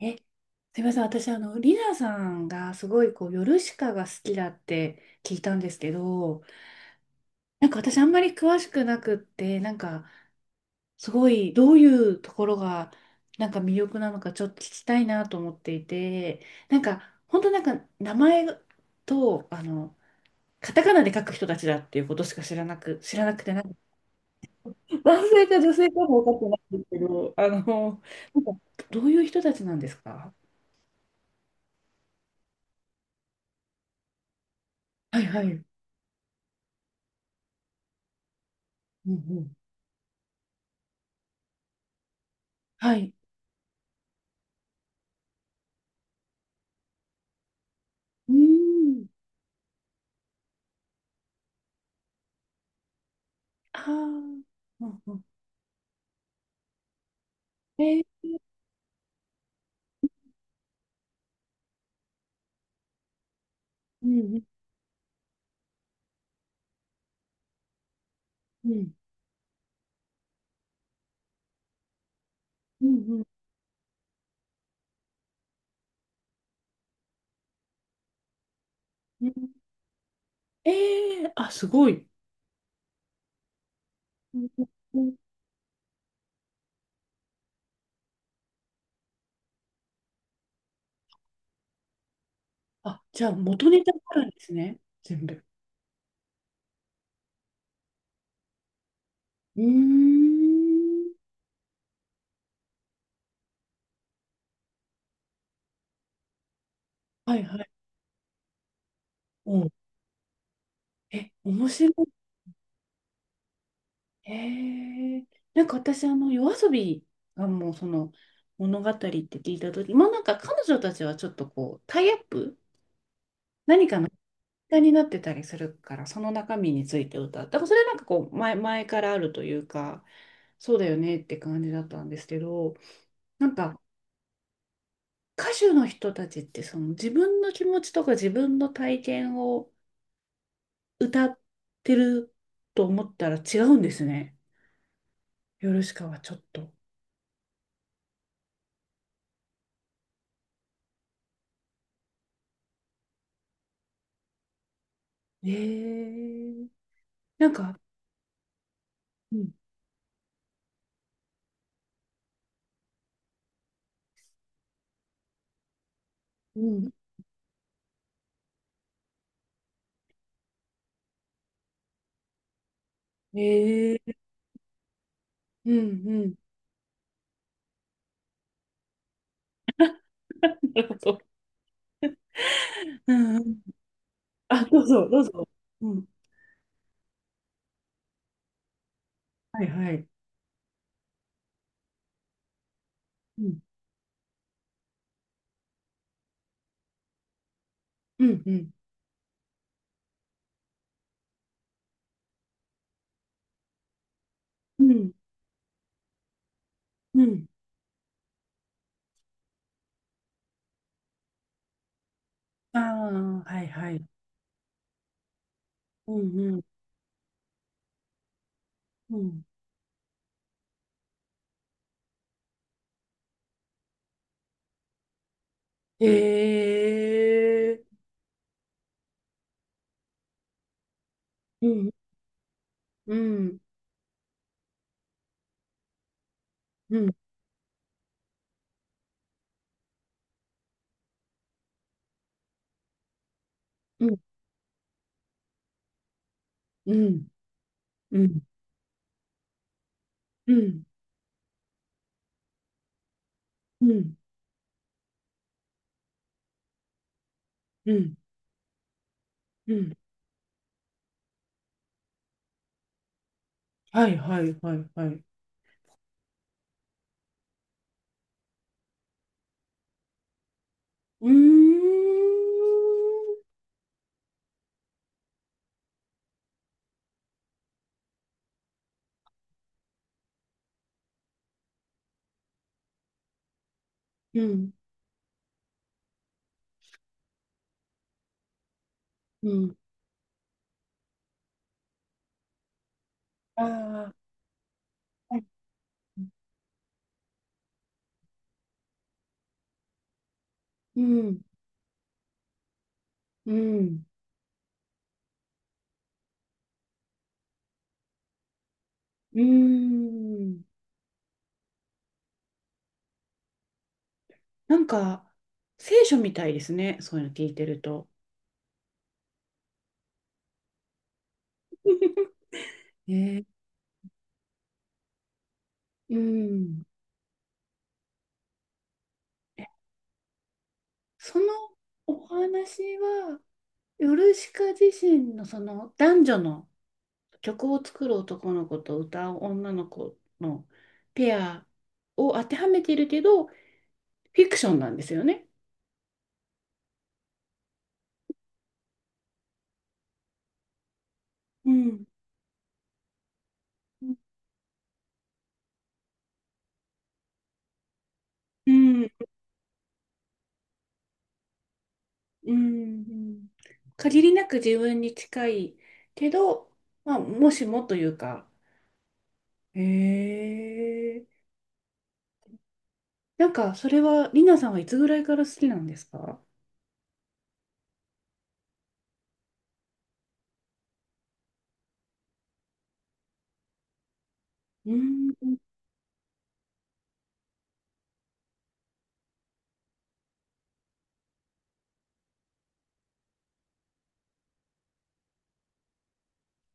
え、すみません。私、リナさんがすごい、ヨルシカが好きだって聞いたんですけど、なんか私、あんまり詳しくなくって、なんか、すごい、どういうところが、なんか魅力なのか、ちょっと聞きたいなと思っていて、なんか、本当なんか、名前と、カタカナで書く人たちだっていうことしか知らなくて、なんか、男性か女性かも分かってないんですけど、なんか、どういう人たちなんですか？はいはい。うんうん。はい。うーん。ああ。うんうん。えー、うんうんうん。うんうんうん。えー、あ、すごい。うんうんうん。あ、じゃあ元ネタがあるんですね。全部。うーん。はいはい。うん。え、面白い。へえ。なんか私、夜遊びがもうその物語って聞いたとき、まあなんか彼女たちはちょっとタイアップ何かの歌になってたりするから、その中身について歌う。だからそれなんか前からあるというか、そうだよねって感じだったんですけど、なんか歌手の人たちってその自分の気持ちとか自分の体験を歌ってると思ったら違うんですね。ヨルシカはちょっと。えー、なんか、うん、うん、えー、うん、うん、なるほど。うんうん、あ、どうぞ、どうぞ。うん、はい、はい。うん、うん、うん、うん。うん。ああ、はいはい。うんうんうん。へえ。うんうんうんうんうんうんうんうんうんうん。はいはいはいはい。うーん。うんうん。ああー、はい。うんうん。うーん。なんか聖書みたいですね。そういうの聞いてると。ね。うん。え、そのお話は。ヨルシカ自身のその男女の曲を作る男の子と歌う女の子のペアを当てはめているけど、フィクションなんですよね。うん。うん。うん。限りなく自分に近いけど、まあ、もしもというか。へえ。なんか、それは、リナさんはいつぐらいから好きなんですか？うん。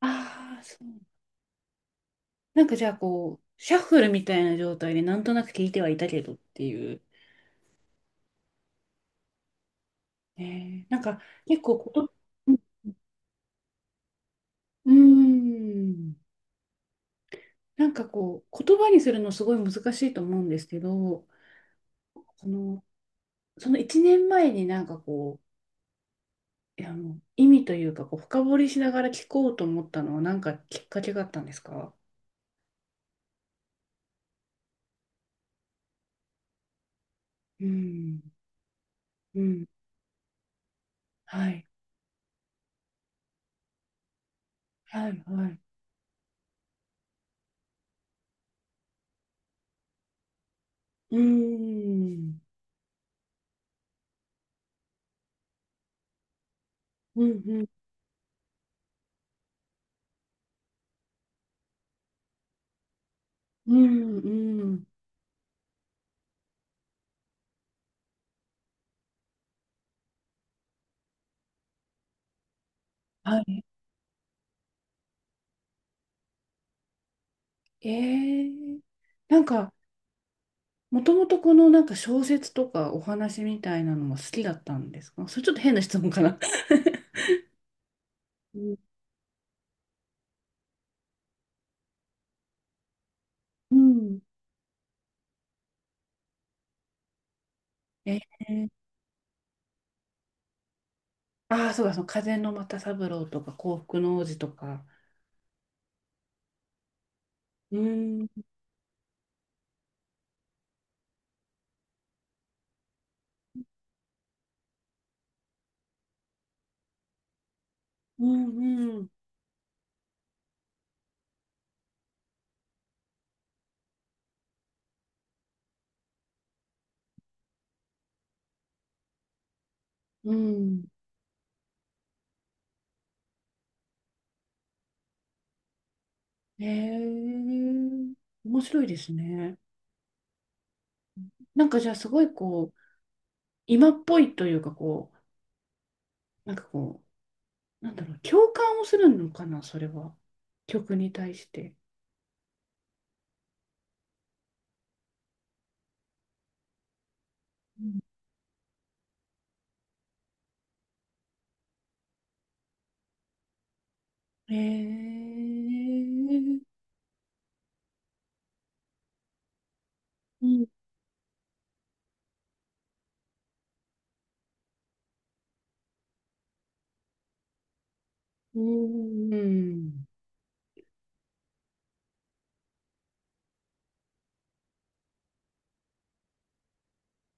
ああ、そう。なんかじゃあシャッフルみたいな状態でなんとなく聞いてはいたけどっていう。えー、なんか結構こと、うん、うーん、なんか言葉にするのすごい難しいと思うんですけど、その、その、1年前になんかいや、意味というか深掘りしながら聞こうと思ったのはなんかきっかけがあったんですか？うん、うん、はい、はい、はい。うーん、うん、うん、うん、うん、はい。ええ。なんか、もともとこのなんか小説とかお話みたいなのも好きだったんですか？それちょっと変な質問かな。うんうん。ええ。ああ、そうだ、その風の又三郎とか幸福の王子とか。うん、うん、うん、うん。ええ。面白いですね。なんかじゃあすごい今っぽいというかなんかなんだろう、共感をするのかな、それは。曲に対して。えー、うん、うん、うん。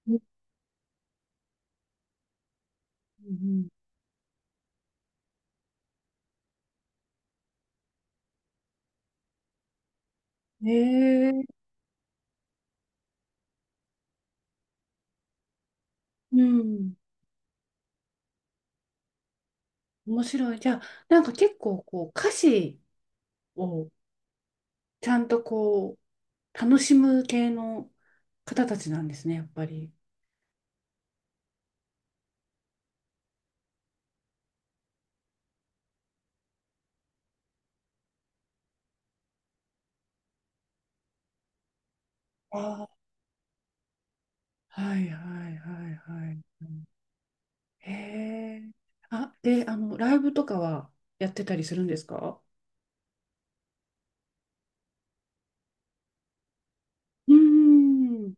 うん、うん、えー、うん、面白い。じゃあ、なんか結構歌詞をちゃんと楽しむ系の方たちなんですね、やっぱり。ああ、はいはいはいはい。うん。へえ。あ、で、ライブとかはやってたりするんですか？うーん。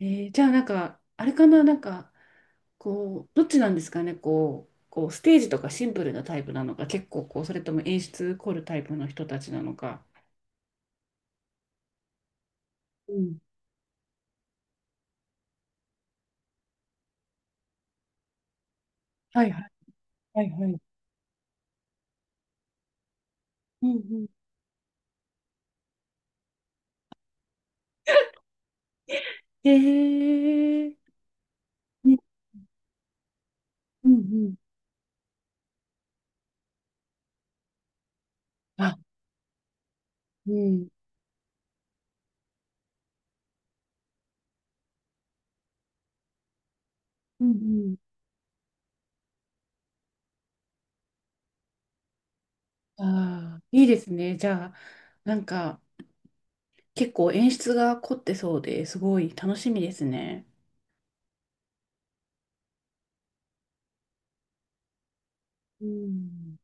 えー、じゃあなんか、あれかな、なんか、どっちなんですかね、ステージとかシンプルなタイプなのか、結構それとも演出凝るタイプの人たちなのか。うん。はいはいはいはい。うんうん。へえ、ね。うんうん。あ、うん。うんうん。ああ、いいですね。じゃあ、なんか、結構演出が凝ってそうですごい楽しみですね。うん。